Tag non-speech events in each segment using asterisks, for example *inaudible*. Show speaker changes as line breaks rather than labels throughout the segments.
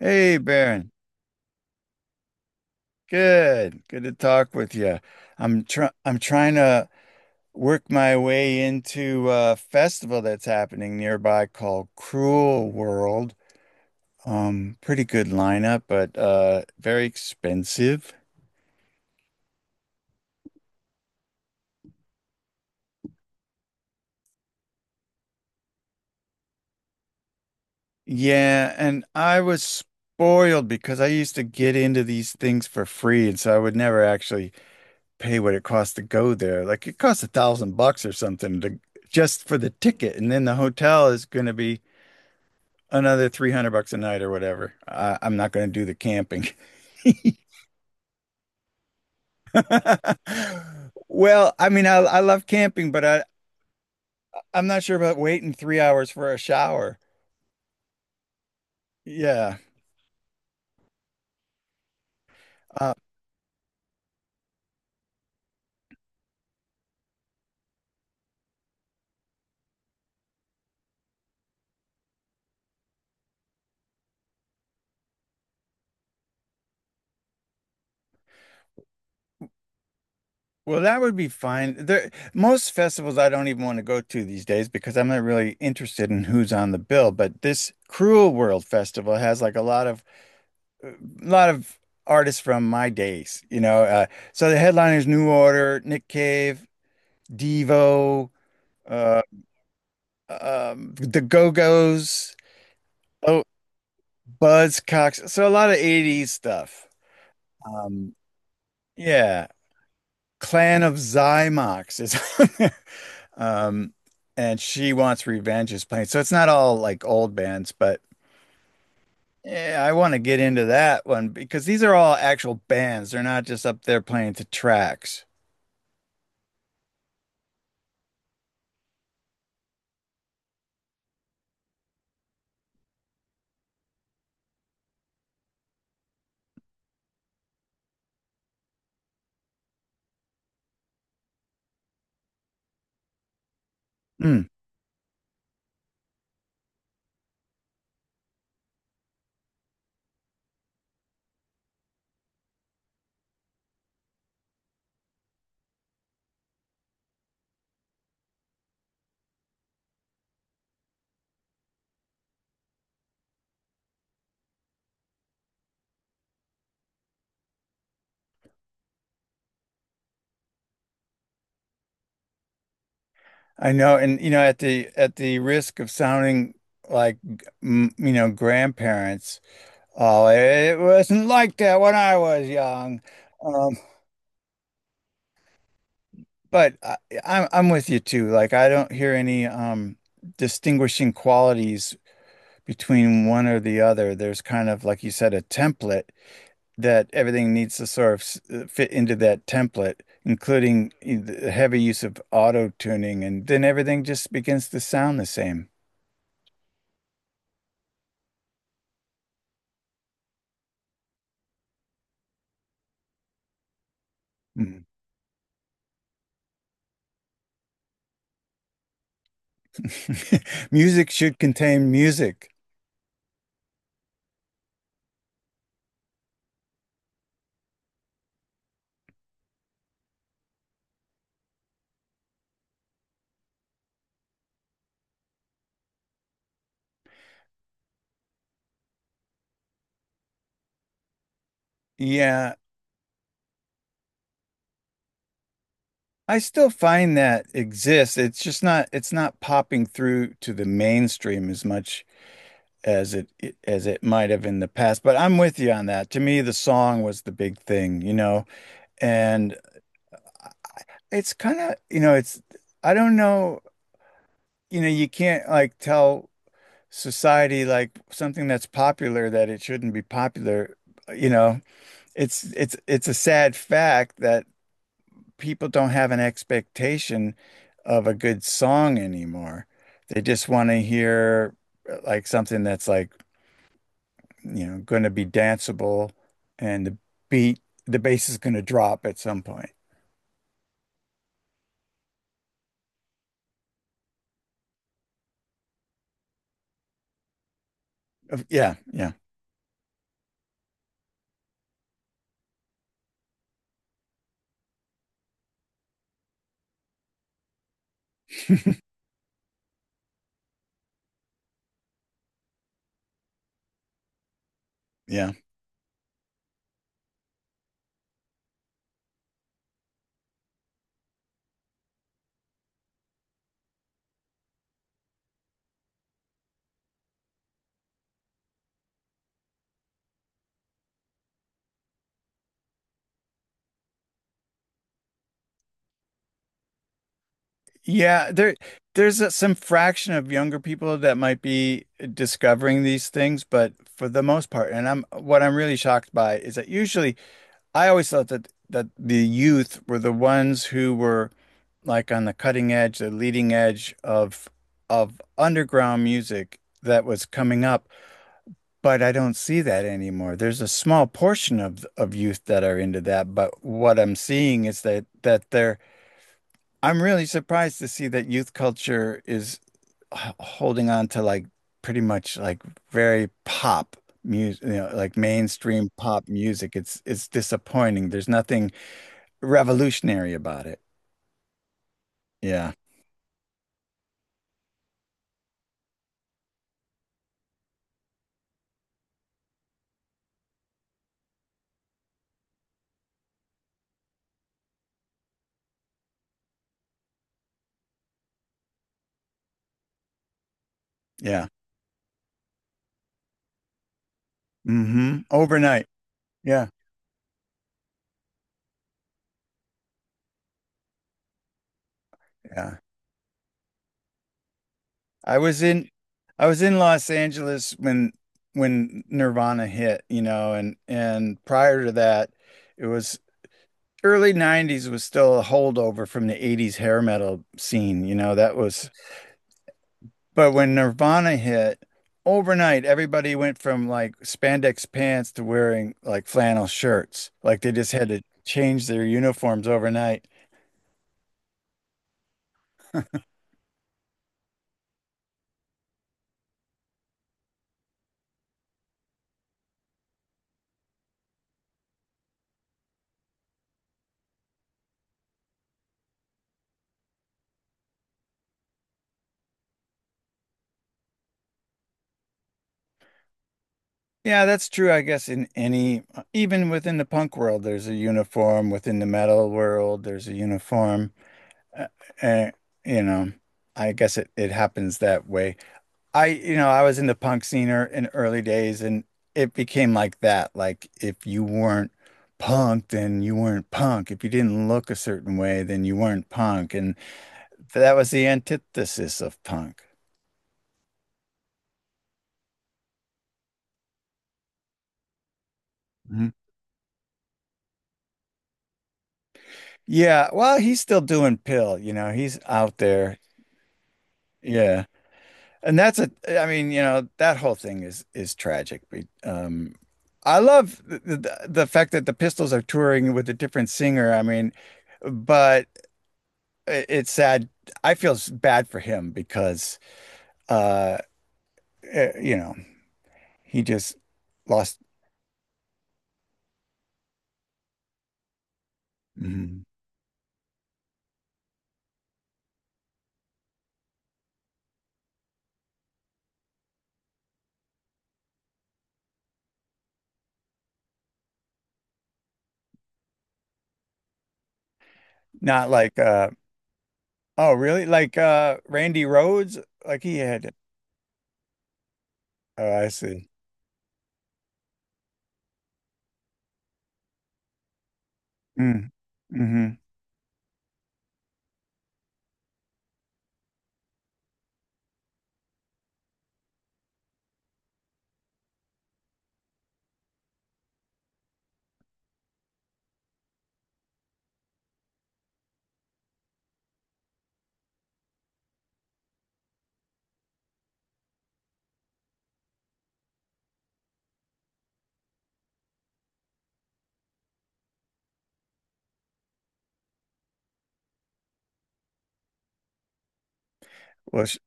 Hey, Baron. Good. Good to talk with you. I'm trying to work my way into a festival that's happening nearby called Cruel World. Pretty good lineup, but very expensive. Yeah, and I was spoiled because I used to get into these things for free, and so I would never actually pay what it costs to go there. Like it costs 1,000 bucks or something to just for the ticket, and then the hotel is going to be another 300 bucks a night or whatever. I'm not going to do the camping. *laughs* Well, I mean, I love camping, but I'm not sure about waiting 3 hours for a shower. Yeah. Uh, well, that would be fine. There, most festivals I don't even want to go to these days because I'm not really interested in who's on the bill. But this Cruel World Festival has like a lot of artists from my days, you know. So the headliners: New Order, Nick Cave, Devo, uh, the Go-Go's, oh, Buzzcocks. So a lot of '80s stuff. Um, yeah, Clan of Zymox is *laughs* on there. Um, and She Wants Revenge is playing. So it's not all like old bands, but yeah, I want to get into that one because these are all actual bands. They're not just up there playing to tracks. Mm, I know, and you know, at the risk of sounding like m you know grandparents, oh, it wasn't like that when I was young. Um, but I'm with you too. Like I don't hear any distinguishing qualities between one or the other. There's kind of, like you said, a template that everything needs to sort of fit into that template, including the heavy use of auto tuning, and then everything just begins to sound the same. Mm. *laughs* Music should contain music. Yeah, I still find that exists. It's not popping through to the mainstream as much as it as it might have in the past. But I'm with you on that. To me, the song was the big thing, you know. And it's kind of, you know, I don't know, you can't like tell society like something that's popular that it shouldn't be popular. You know, it's a sad fact that people don't have an expectation of a good song anymore. They just want to hear like something that's like, you know, going to be danceable and beat, the bass is going to drop at some point. Yeah, yeah, yeah. Yeah, there's a, some fraction of younger people that might be discovering these things, but for the most part, and I'm really shocked by is that usually I always thought that the youth were the ones who were like on the cutting edge, the leading edge of underground music that was coming up, but I don't see that anymore. There's a small portion of youth that are into that, but what I'm seeing is that that they're I'm really surprised to see that youth culture is holding on to like pretty much like very pop music, you know, like mainstream pop music. It's disappointing. There's nothing revolutionary about it. Yeah. Yeah. Hmm. Overnight. Yeah. Yeah. I was in I was in Los Angeles when Nirvana hit, you know, and prior to that, it was early 90s was still a holdover from the 80s hair metal scene, you know, that was but when Nirvana hit overnight everybody went from like spandex pants to wearing like flannel shirts. Like they just had to change their uniforms overnight. Yeah, that's true. I guess in any, even within the punk world there's a uniform, within the metal world there's a uniform. Uh, uh, you know, I guess it happens that way. You know, I was in the punk scene in early days and it became like that. Like if you weren't punk, then you weren't punk. If you didn't look a certain way, then you weren't punk. And that was the antithesis of punk. Mhm. Yeah, well, he's still doing Pill, you know, he's out there. Yeah. And that's a, I mean, you know, that whole thing is tragic. But, I love the fact that the Pistols are touring with a different singer. I mean, but it's sad. I feel bad for him because uh you know, he just lost. Mhm. Not like uh, oh really? Like uh, Randy Rhodes? Like he had, oh I see. Mm. Hmm. Well sh,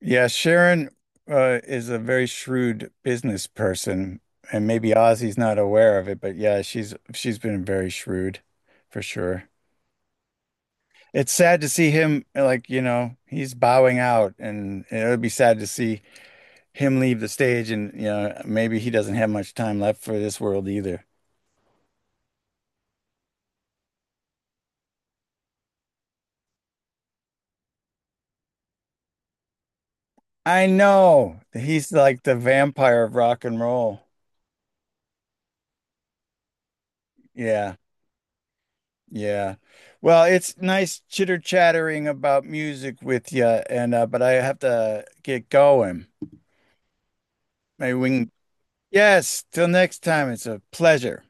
yeah, Sharon is a very shrewd business person and maybe Ozzy's not aware of it, but yeah, she's been very shrewd for sure. It's sad to see him like, you know, he's bowing out and it would be sad to see him leave the stage, and you know maybe he doesn't have much time left for this world either. I know. He's like the vampire of rock and roll. Yeah. Yeah. Well, it's nice chitter chattering about music with you, and but I have to get going. Maybe we can, yes, till next time. It's a pleasure.